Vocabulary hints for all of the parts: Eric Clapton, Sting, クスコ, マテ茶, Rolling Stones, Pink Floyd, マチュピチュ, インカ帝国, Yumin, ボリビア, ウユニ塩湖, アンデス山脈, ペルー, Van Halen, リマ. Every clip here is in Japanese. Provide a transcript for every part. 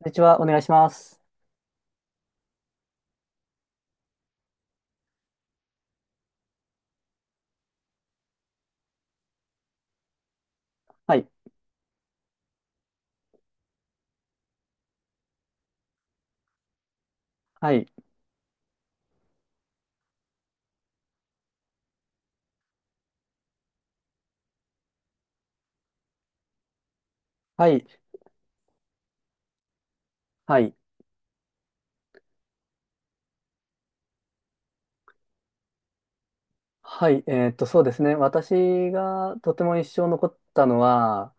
こんにちは、お願いします。はい、はい、はい、はい、はい、そうですね。私がとても印象残ったのは、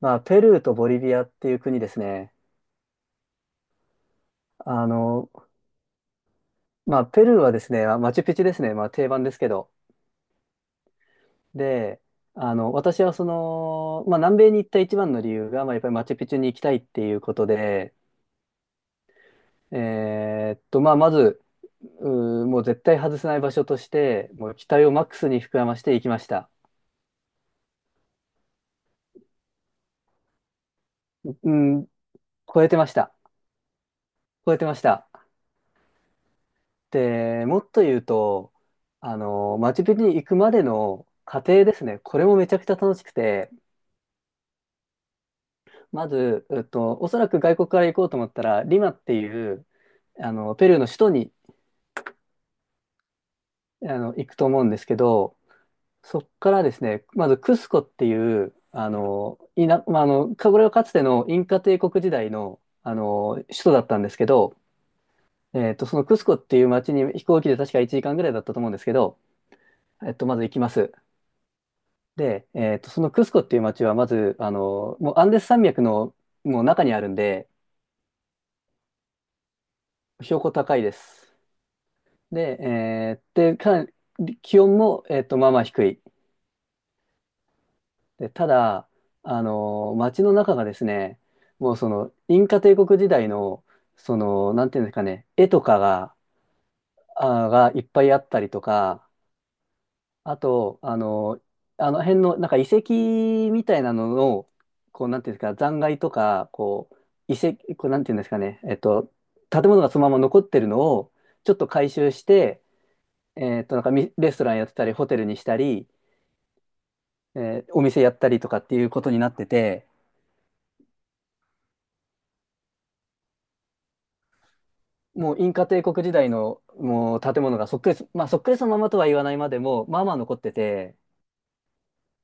ペルーとボリビアっていう国ですね。あの、ペルーはですね、まあマチュピチュですね。まあ、定番ですけど。で、私はその、まあ、南米に行った一番の理由が、まあ、やっぱりマチュピチュに行きたいっていうことで、まず、もう絶対外せない場所として、もう期待をマックスに膨らまして行きました。うん、超えてました。超えてました。で、もっと言うと、マチュピチュに行くまでの過程ですね。これもめちゃくちゃ楽しくて、まず、おそらく外国から行こうと思ったら、リマっていう、ペルーの首都に、行くと思うんですけど、そっからですね、まずクスコっていう、あの、いな、まあ、あの、かこれはかつてのインカ帝国時代の、首都だったんですけど、そのクスコっていう町に飛行機で確か1時間ぐらいだったと思うんですけど、まず行きます。で、そのクスコっていう街は、まず、もうアンデス山脈の中にあるんで、標高高いです。で、かなり気温も、まあまあ低い。で、ただ、街の中がですね、もうその、インカ帝国時代の、その、なんていうんですかね、絵とかが、がいっぱいあったりとか、あと、あの辺の、なんか遺跡みたいなのの、こう、なんていうんですか、残骸とか、こう、遺跡、こう、なんていうんですかね、建物がそのまま残ってるのを、ちょっと回収して、なんかみレストランやってたり、ホテルにしたり、お店やったりとかっていうことになってて、もうインカ帝国時代の、もう建物がそっくりそ、まあ、そっくりそのままとは言わないまでも、まあまあ残ってて、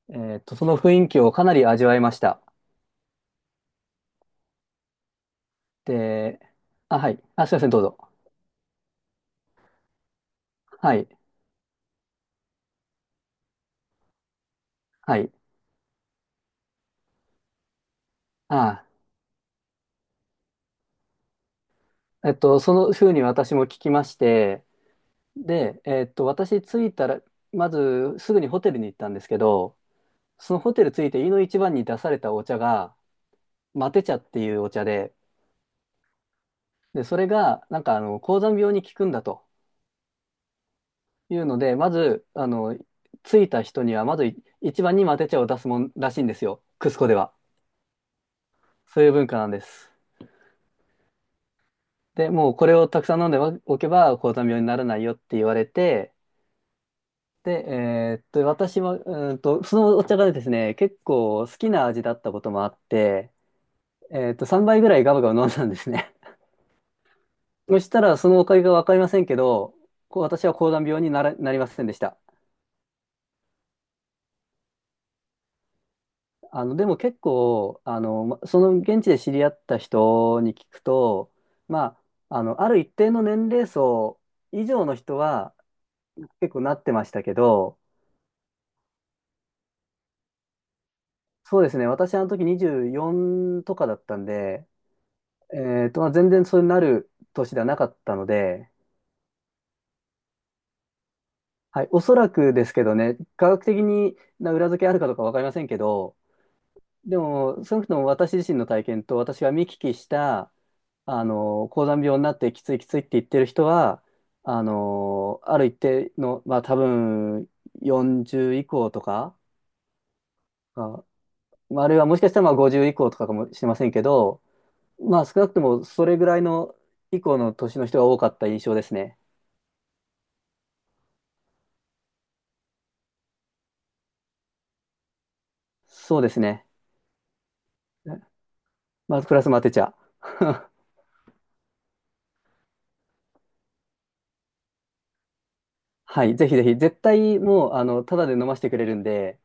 その雰囲気をかなり味わえました。で、あ、はい。あ、すいません、どうぞ。はい。はい。ああ、その風に私も聞きまして、で、私着いたら、まずすぐにホテルに行ったんですけど、そのホテル着いて、飯の一番に出されたお茶が、マテ茶っていうお茶で、で、それが、なんか、高山病に効くんだというので、まず、着いた人には、まずい一番にマテ茶を出すもんらしいんですよ。クスコでは。そういう文化なんです。で、もうこれをたくさん飲んでおけば、高山病にならないよって言われて、で、私は、そのお茶がですね、結構好きな味だったこともあって、3杯ぐらいガブガブ飲んだんですね。そしたら、そのおかげがわかりませんけど、こう私は高山病になら、なりませんでした。でも結構、その現地で知り合った人に聞くと、まある一定の年齢層以上の人は結構なってましたけど、そうですね、私あの時24とかだったんで、全然そうなる年ではなかったので、はい、おそらくですけどね、科学的にな裏付けあるかどうかわかりませんけど、でも、少なくとも私自身の体験と私が見聞きした、高山病になってきついきついって言ってる人は、ある一定の、まあ多分40以降とか、あ、まああるいはもしかしたらまあ50以降とかかもしれませんけど、まあ少なくともそれぐらいの以降の年の人が多かった印象ですね。そうですね。まあ、プラスも当てちゃう。はい、ぜひぜひ、絶対もう、ただで飲ませてくれるんで、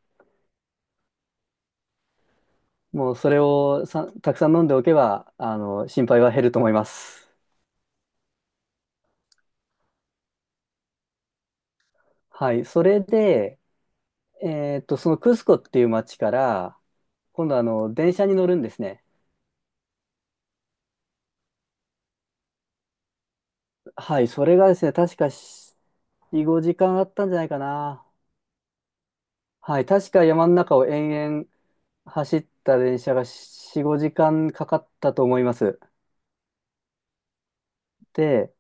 もうそれをさ、たくさん飲んでおけば、心配は減ると思います。はい、それで、そのクスコっていう町から、今度、電車に乗るんですね。はい、それがですね、確か4、5時間あったんじゃないかな。はい、確か山の中を延々走った電車が4、5時間かかったと思います。で、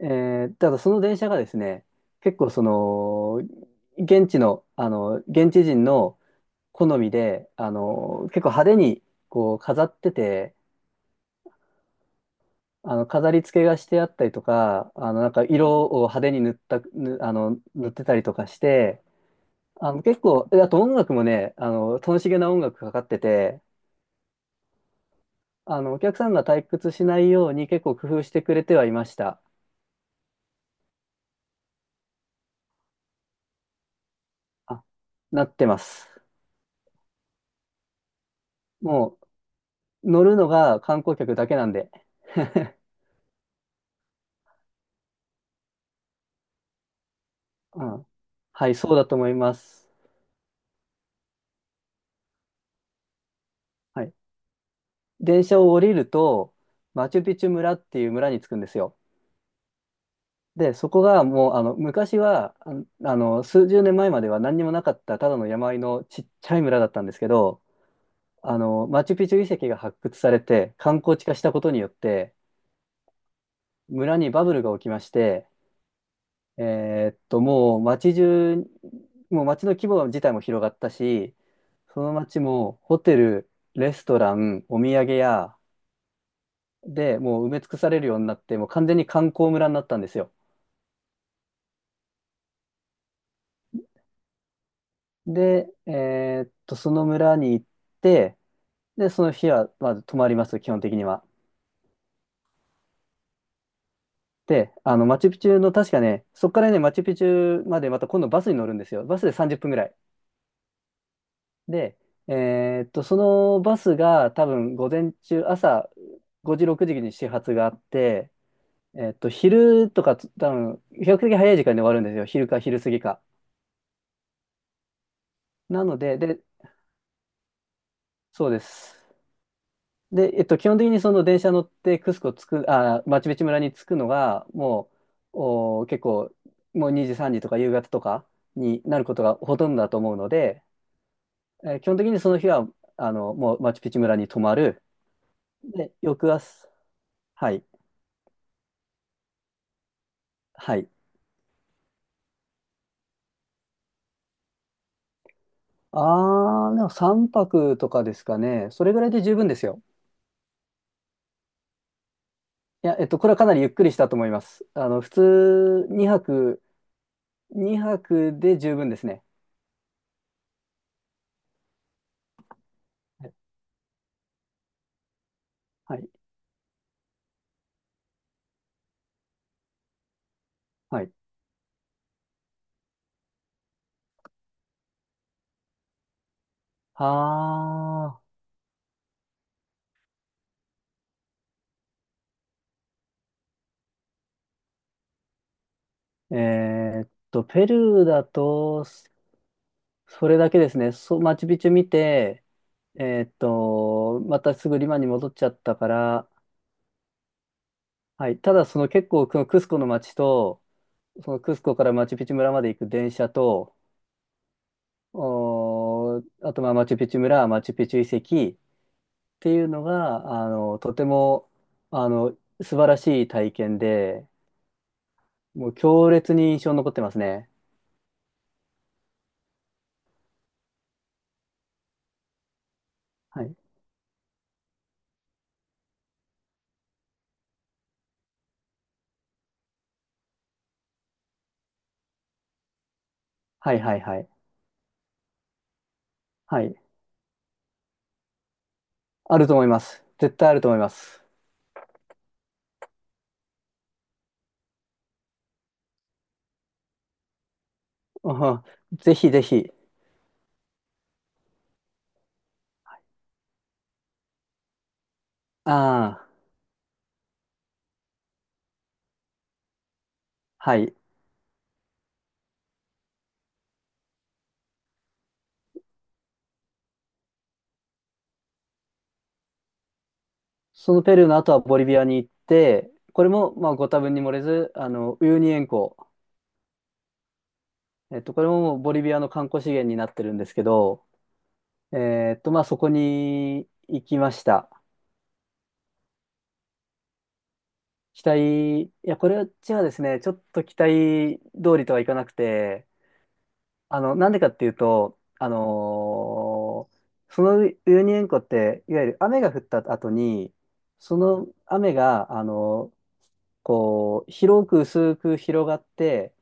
ただその電車がですね、結構その、現地の、現地人の好みで、結構派手にこう飾ってて、飾り付けがしてあったりとか、なんか色を派手に塗った、ぬあの、塗ってたりとかして、結構、あと音楽もね、楽しげな音楽かかってて、お客さんが退屈しないように結構工夫してくれてはいました。あなってます。もう乗るのが観光客だけなんで。うん。はい、そうだと思います。はい。電車を降りると、マチュピチュ村っていう村に着くんですよ。で、そこがもう、昔は、数十年前までは何にもなかった、ただの山あいのちっちゃい村だったんですけど、マチュピチュ遺跡が発掘されて、観光地化したことによって、村にバブルが起きまして、もう街中、もう街の規模自体も広がったし、その街もホテル、レストラン、お土産屋でもう埋め尽くされるようになって、もう完全に観光村になったんですよ。で、その村に行って、で、その日はまず泊まります、基本的には。で、マチュピチュの確かね、そこからね、マチュピチュまでまた今度バスに乗るんですよ。バスで30分ぐらい。で、そのバスが多分午前中、朝5時、6時に始発があって、昼とかつ多分、比較的早い時間で終わるんですよ。昼か昼過ぎか。なので、で、そうです。で、基本的にその電車乗ってクスコ着く、あー、マチュピチュ村に着くのが、もう、おー、結構、もう2時、3時とか夕方とかになることがほとんどだと思うので、基本的にその日は、もうマチュピチュ村に泊まる。で、翌朝、はい。はい。あー、でも3泊とかですかね。それぐらいで十分ですよ。いや、これはかなりゆっくりしたと思います。普通2泊、2泊で十分ですね。はい。はい。あー、ペルーだと、それだけですね。そう、マチュピチュ見て、またすぐリマに戻っちゃったから、はい。ただ、その結構、このクスコの街と、そのクスコからマチュピチュ村まで行く電車と、あと、まあ、マチュピチュ村、マチュピチュ遺跡っていうのが、とても、あの、素晴らしい体験で、もう強烈に印象に残ってますね。はい。はいはいはい。はい。あると思います。絶対あると思います。うん、ぜひぜひ。ああ、はい。そのペルーの後はボリビアに行って、これも、まあ、ご多分に漏れず、ウユニ塩湖。これもボリビアの観光資源になってるんですけど、そこに行きました。期待、いや、これはですね、ちょっと期待通りとはいかなくて、なんでかっていうと、そのウユニ塩湖って、いわゆる雨が降った後に、その雨が、こう、広く薄く広がって、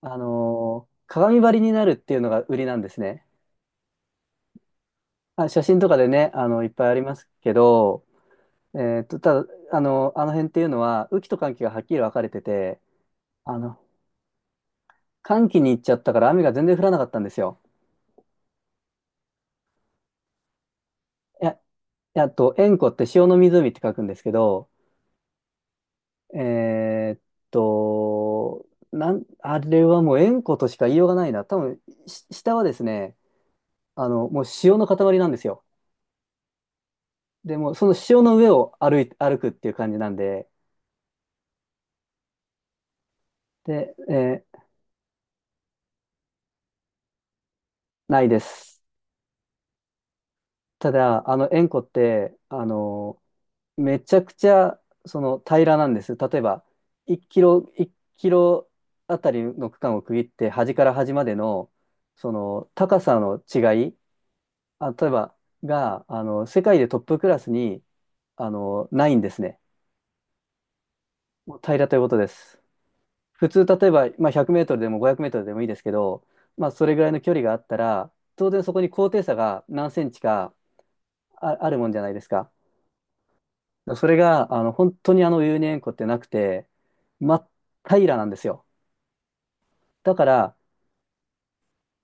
鏡張りになるっていうのが売りなんですね。あ、写真とかでね、いっぱいありますけど、ただ、あの辺っていうのは、雨季と乾季がはっきり分かれてて、あの、乾季に行っちゃったから雨が全然降らなかったんですよ。いや、いやあと、塩湖って塩の湖って書くんですけど、えーっと、あれはもう塩湖としか言いようがないな。多分、し下はですね、もう塩の塊なんですよ。でも、その塩の上を歩い、歩くっていう感じなんで、で、ないです。ただ、塩湖って、めちゃくちゃその平らなんです。例えば1キロ、1キロあたりの区間を区切って端から端までのその高さの違い、あ、例えばがあの世界でトップクラスにないんですね。もう平らということです。普通例えば、まあ、100メートルでも500メートルでもいいですけど、まあ、それぐらいの距離があったら当然そこに高低差が何センチかあるもんじゃないですか。それが、本当に有年塩湖ってなくて、真っ平らなんですよ。だから、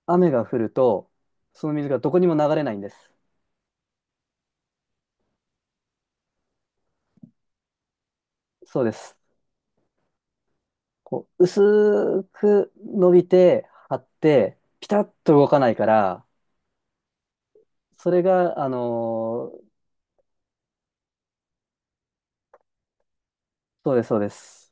雨が降ると、その水がどこにも流れないんです。そうです。こう、薄く伸びて、張って、ピタッと動かないから、それが、そうです、そうです。